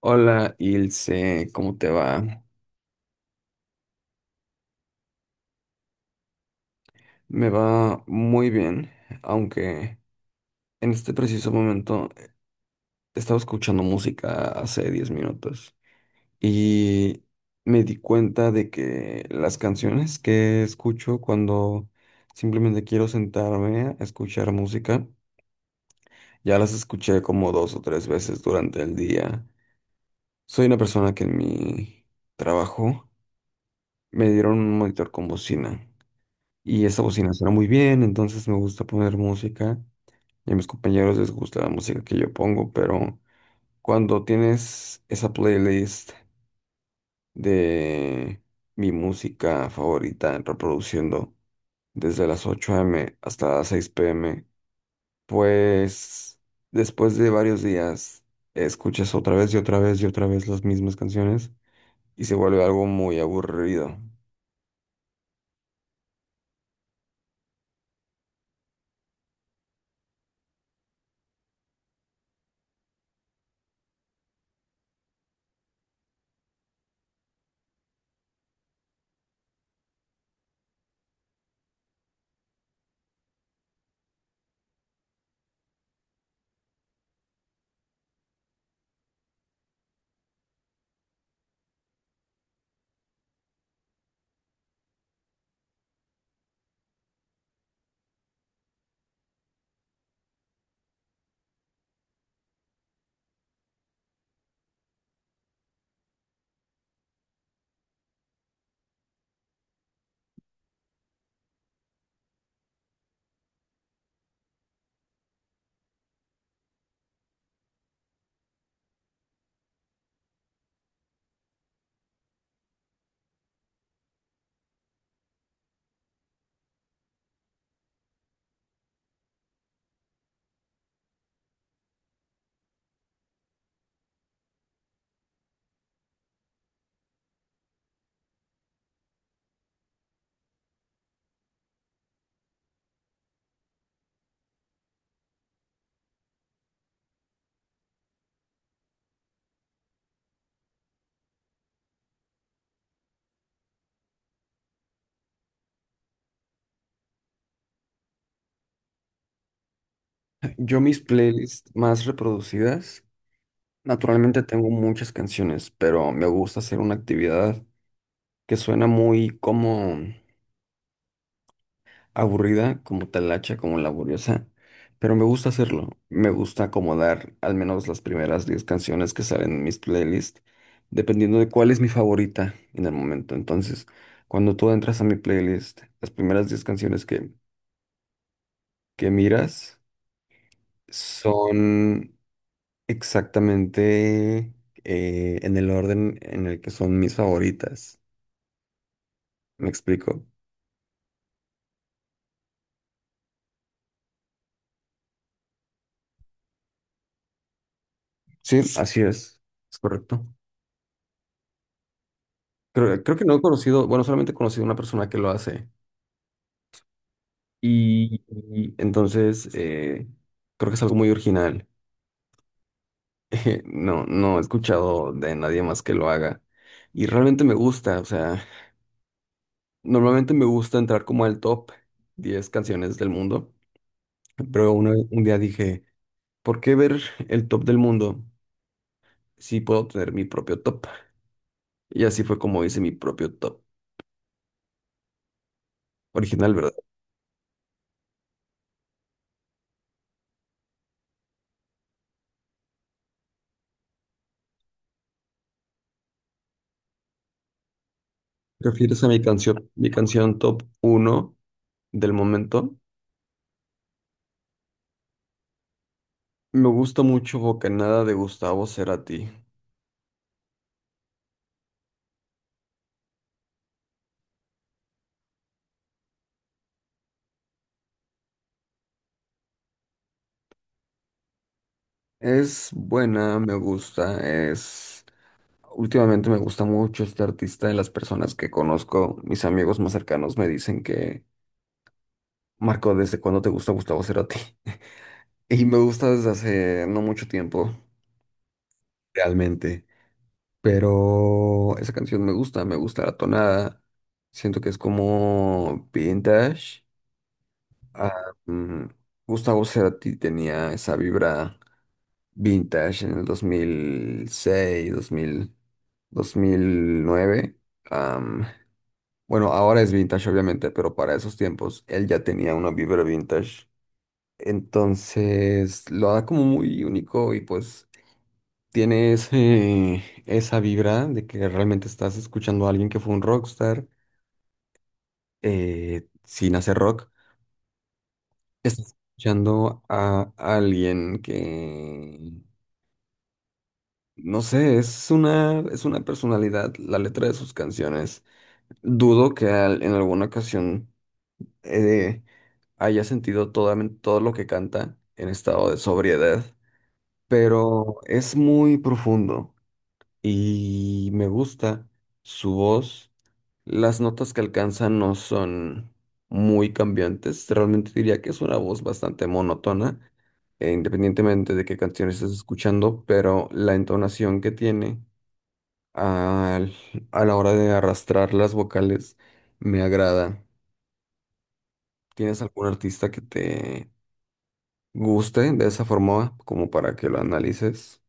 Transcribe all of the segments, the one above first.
Hola Ilse, ¿cómo te va? Me va muy bien, aunque en este preciso momento estaba escuchando música hace 10 minutos y me di cuenta de que las canciones que escucho cuando simplemente quiero sentarme a escuchar música, ya las escuché como dos o tres veces durante el día. Soy una persona que en mi trabajo me dieron un monitor con bocina. Y esa bocina suena muy bien, entonces me gusta poner música y a mis compañeros les gusta la música que yo pongo, pero cuando tienes esa playlist de mi música favorita reproduciendo desde las 8 a.m. hasta las 6 p.m., pues después de varios días escuchas otra vez y otra vez y otra vez las mismas canciones y se vuelve algo muy aburrido. Yo mis playlists más reproducidas naturalmente tengo muchas canciones, pero me gusta hacer una actividad que suena muy como aburrida, como talacha, como laboriosa, pero me gusta hacerlo. Me gusta acomodar al menos las primeras 10 canciones que salen en mis playlists, dependiendo de cuál es mi favorita en el momento. Entonces, cuando tú entras a mi playlist, las primeras 10 canciones que miras son exactamente en el orden en el que son mis favoritas. Me explico. Sí, así es. Es correcto. Creo que no he conocido, bueno, solamente he conocido una persona que lo hace. Y entonces creo que es algo muy original. No he escuchado de nadie más que lo haga. Y realmente me gusta, o sea, normalmente me gusta entrar como al top 10 canciones del mundo. Pero un día dije, ¿por qué ver el top del mundo si puedo tener mi propio top? Y así fue como hice mi propio top original, ¿verdad? ¿Refieres a mi canción top uno del momento? Me gusta mucho Bocanada de Gustavo Cerati. Es buena, me gusta, es... Últimamente me gusta mucho este artista. De las personas que conozco, mis amigos más cercanos me dicen que, Marco, ¿desde cuándo te gusta Gustavo Cerati? Y me gusta desde hace no mucho tiempo, realmente. Pero esa canción me gusta la tonada. Siento que es como vintage. Ah, mm, Gustavo Cerati tenía esa vibra vintage en el 2006, 2000, 2009. Am, bueno, ahora es vintage obviamente, pero para esos tiempos él ya tenía una vibra vintage. Entonces lo da como muy único y pues tiene esa vibra de que realmente estás escuchando a alguien que fue un rockstar sin hacer rock. Estás escuchando a alguien que... No sé, es una personalidad, la letra de sus canciones. Dudo que en alguna ocasión eh, haya sentido todo lo que canta en estado de sobriedad, pero es muy profundo y me gusta su voz. Las notas que alcanza no son muy cambiantes, realmente diría que es una voz bastante monótona, independientemente de qué canciones estés escuchando, pero la entonación que tiene al- a la hora de arrastrar las vocales me agrada. ¿Tienes algún artista que te guste de esa forma como para que lo analices?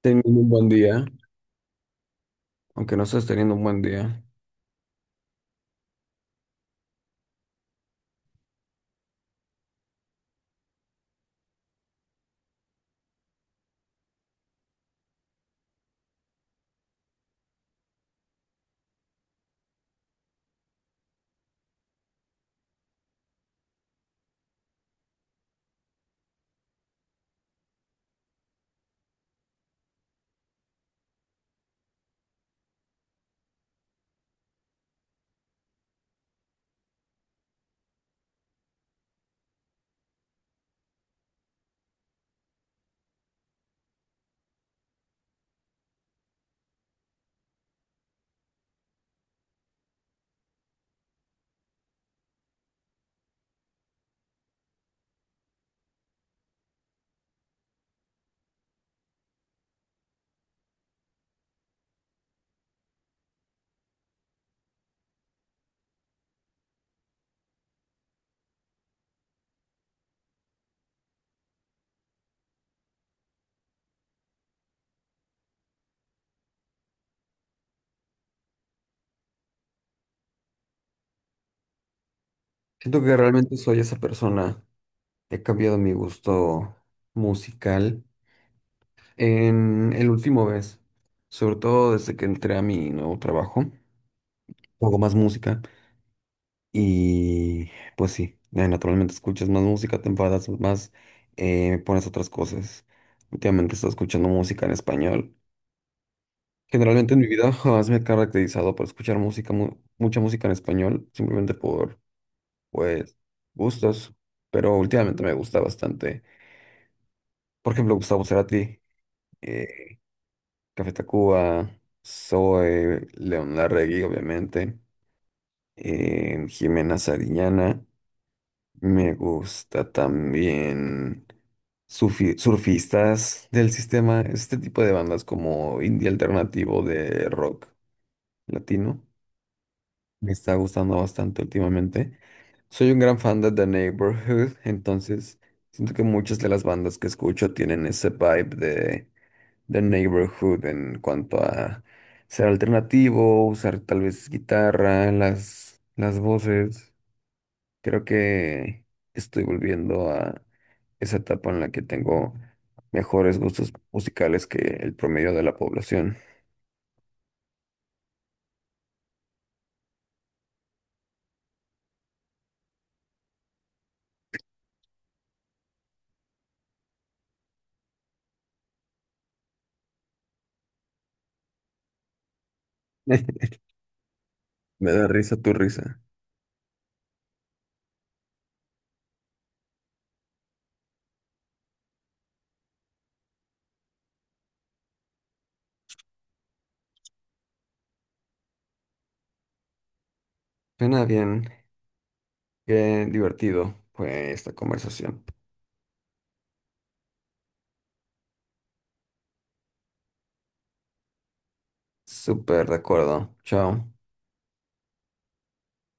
Teniendo un buen día, aunque no estés teniendo un buen día. Siento que realmente soy esa persona. He cambiado mi gusto musical en el último mes, sobre todo desde que entré a mi nuevo trabajo. Hago más música. Y pues sí, naturalmente escuchas más música, te enfadas más, pones otras cosas. Últimamente estoy escuchando música en español. Generalmente en mi vida jamás me he caracterizado por escuchar música, mucha música en español, simplemente por, pues, gustos. Pero últimamente me gusta bastante. Por ejemplo, Gustavo Cerati, eh, Café Tacuba, Zoe, León Larregui, obviamente, Jimena Sariñana. Me gusta también surfistas del sistema, este tipo de bandas como indie alternativo de rock latino. Me está gustando bastante últimamente. Soy un gran fan de The Neighborhood, entonces siento que muchas de las bandas que escucho tienen ese vibe de The Neighborhood en cuanto a ser alternativo, usar tal vez guitarra, las voces. Creo que estoy volviendo a esa etapa en la que tengo mejores gustos musicales que el promedio de la población. Me da risa tu risa. Suena bien, qué divertido fue esta conversación. Súper de acuerdo. Chao.